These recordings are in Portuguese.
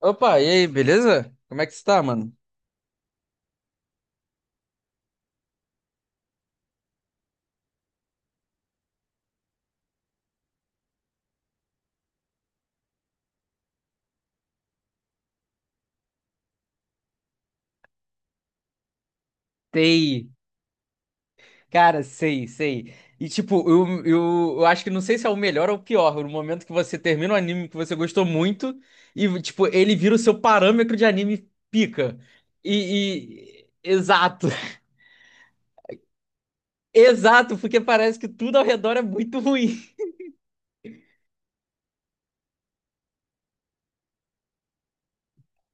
Opa, e aí, beleza? Como é que você tá, mano? Sei, cara, sei, sei. E tipo, eu acho que não sei se é o melhor ou o pior, no momento que você termina um anime que você gostou muito e, tipo, ele vira o seu parâmetro de anime pica. Exato, exato, porque parece que tudo ao redor é muito ruim.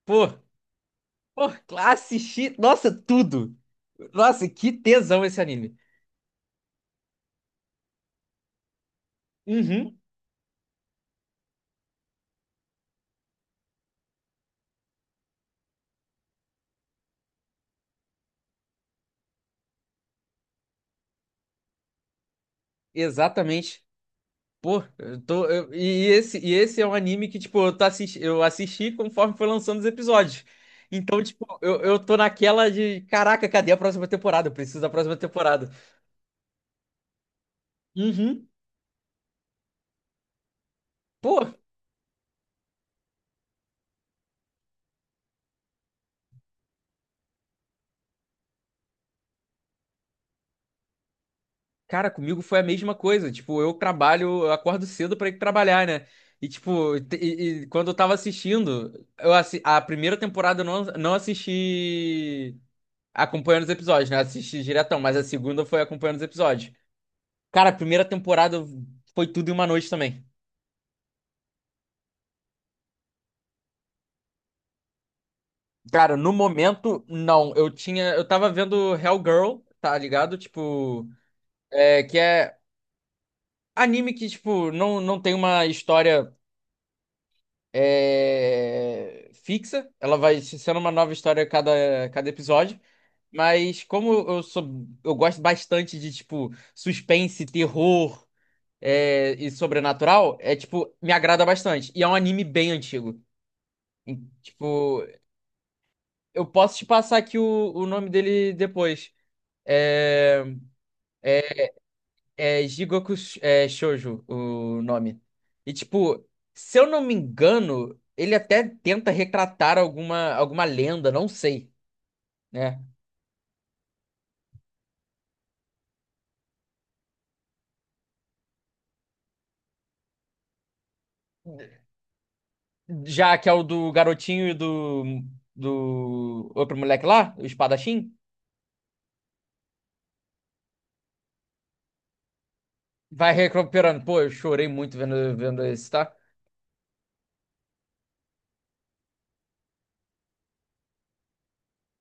Pô, pô, classe X, nossa, tudo. Nossa, que tesão esse anime. Uhum, exatamente. Pô, eu tô, eu- e esse é um anime que, tipo, eu assisti conforme foi lançando os episódios. Então, tipo, eu tô naquela de, caraca, cadê a próxima temporada? Eu preciso da próxima temporada. Uhum. Pô, cara, comigo foi a mesma coisa. Tipo, eu trabalho, eu acordo cedo pra ir trabalhar, né? E, tipo, e quando eu tava assistindo, eu assi a primeira temporada eu não assisti acompanhando os episódios, né? Assisti diretão, mas a segunda foi acompanhando os episódios. Cara, a primeira temporada foi tudo em uma noite também. Cara, no momento, não. Eu tinha. Eu tava vendo Hellgirl, tá ligado? Tipo. É, que é anime que, tipo, não tem uma história fixa. Ela vai sendo uma nova história a cada episódio. Mas como eu sou. Eu gosto bastante de, tipo, suspense, terror e sobrenatural, tipo, me agrada bastante. E é um anime bem antigo. Tipo, eu posso te passar aqui o nome dele depois. É, é, Jigoku Shoujo, o nome. E, tipo, se eu não me engano, ele até tenta retratar alguma lenda, não sei, né? Já que é o do garotinho e do outro moleque lá, o espadachim, vai recuperando. Pô, eu chorei muito vendo esse, tá?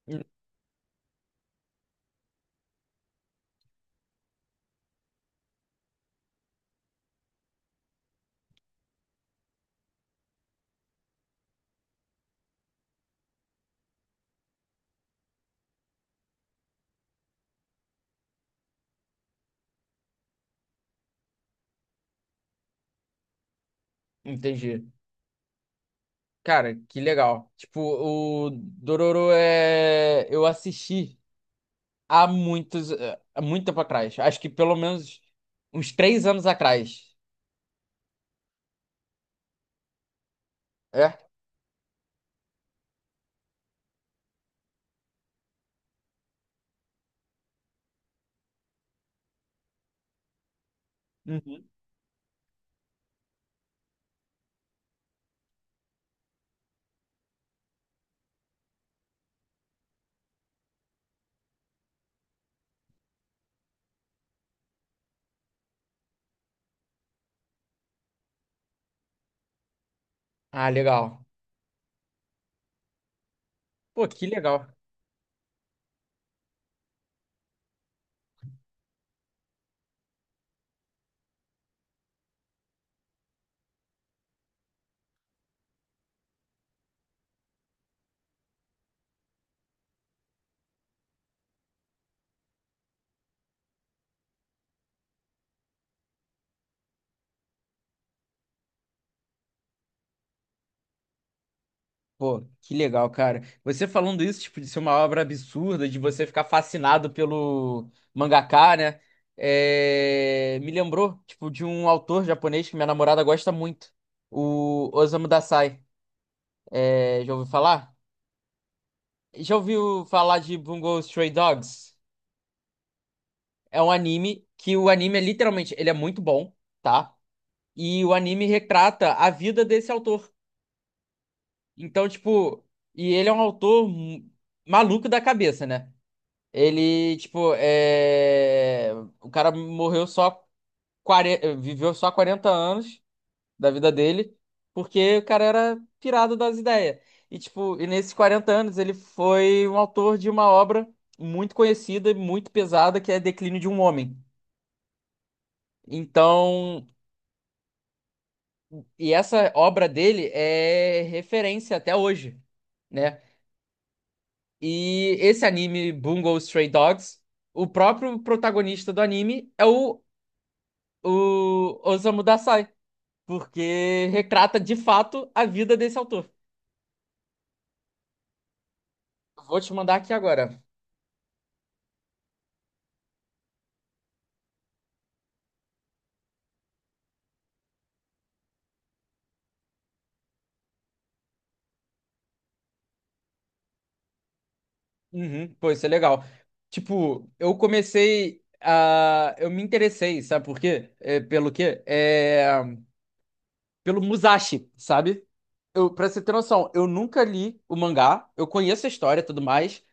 En- Entendi. Cara, que legal. Tipo, o Dororo é. Eu assisti há muito tempo atrás. Acho que pelo menos uns 3 anos atrás. É? Uhum. Ah, legal. Pô, que legal. Pô, que legal, cara. Você falando isso, tipo, de ser uma obra absurda, de você ficar fascinado pelo mangaka, né? Me lembrou, tipo, de um autor japonês que minha namorada gosta muito, o Osamu Dazai. Já ouviu falar? Já ouviu falar de Bungo Stray Dogs? É um anime que o anime é literalmente, ele é muito bom, tá? E o anime retrata a vida desse autor. Então, tipo, e ele é um autor maluco da cabeça, né? Ele, tipo, é. O cara morreu só 40, viveu só 40 anos da vida dele, porque o cara era pirado das ideias. E tipo, nesses 40 anos ele foi um autor de uma obra muito conhecida e muito pesada que é Declínio de um Homem. Então. E essa obra dele é referência até hoje, né? E esse anime, Bungo Stray Dogs, o próprio protagonista do anime é o Osamu Dazai, porque retrata de fato a vida desse autor. Vou te mandar aqui agora. Uhum, pô, isso é legal. Tipo, eu comecei a. Eu me interessei, sabe por quê? É, pelo quê? É, pelo Musashi, sabe? Eu, pra você ter noção, eu nunca li o mangá, eu conheço a história e tudo mais.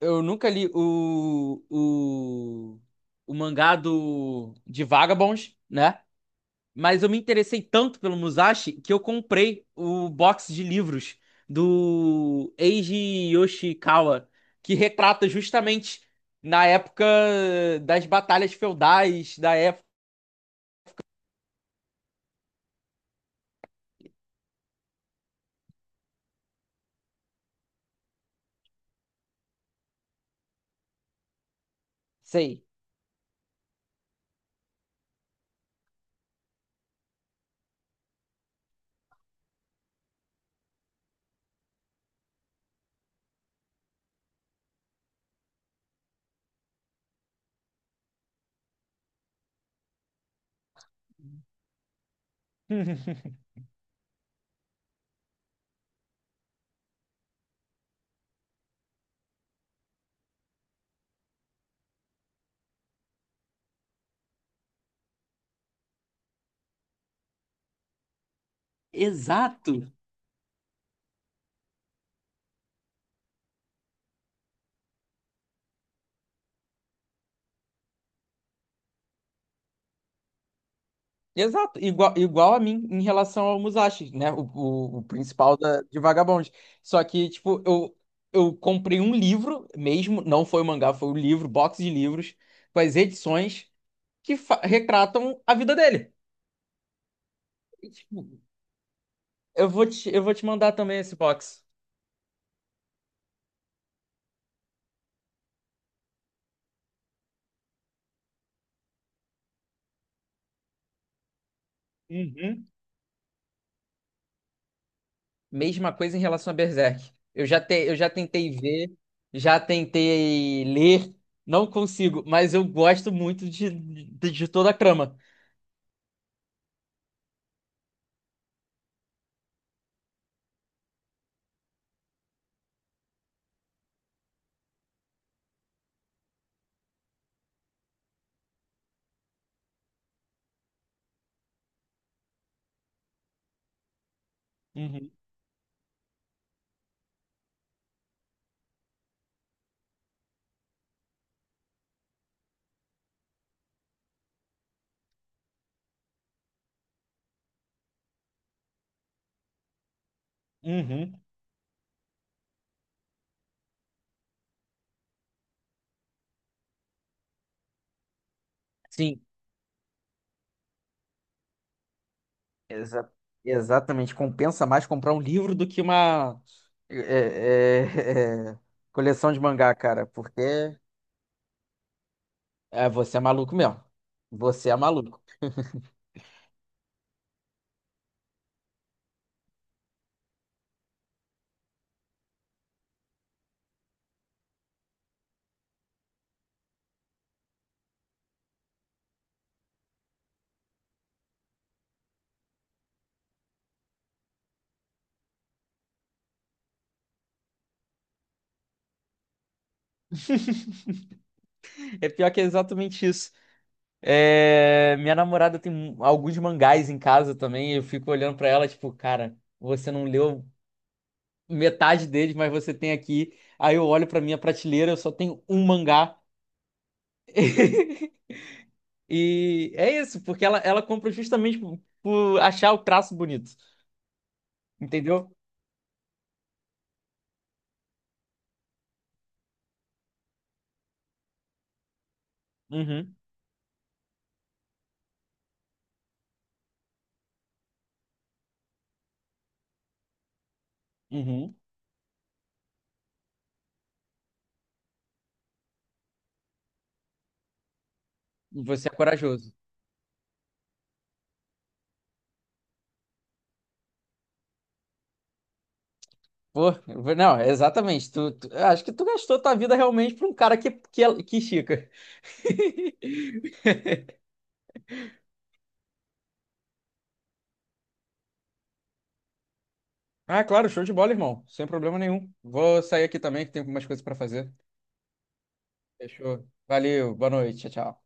Eu nunca li o mangá de Vagabonds, né? Mas eu me interessei tanto pelo Musashi que eu comprei o box de livros do Eiji Yoshikawa, que retrata justamente na época das batalhas feudais, da época. Sei. Exato. Exato, igual a mim em relação ao Musashi, né? O principal de Vagabond. Só que, tipo, eu comprei um livro mesmo, não foi o mangá, foi o livro, box de livros, com as edições que retratam a vida dele. E, tipo, eu vou te mandar também esse box. Uhum. Mesma coisa em relação a Berserk. Eu já tentei ver, já tentei ler, não consigo, mas eu gosto muito de toda a trama. Uhum. Uhum. Sim, exa- exatamente. Compensa mais comprar um livro do que uma é, é, é, coleção de mangá, cara, porque você é maluco mesmo. Você é maluco. É pior que é exatamente isso. É, minha namorada tem alguns mangás em casa também. Eu fico olhando pra ela, tipo, cara, você não leu metade deles, mas você tem aqui. Aí eu olho pra minha prateleira, eu só tenho um mangá. E é isso, porque ela compra justamente por achar o traço bonito. Entendeu? Uhum, uhum. Você é corajoso. Pô, não, exatamente. Eu acho que tu gastou tua vida realmente pra um cara que estica. Ah, claro, show de bola, irmão. Sem problema nenhum. Vou sair aqui também, que tem algumas coisas pra fazer. Fechou. Valeu, boa noite, tchau, tchau.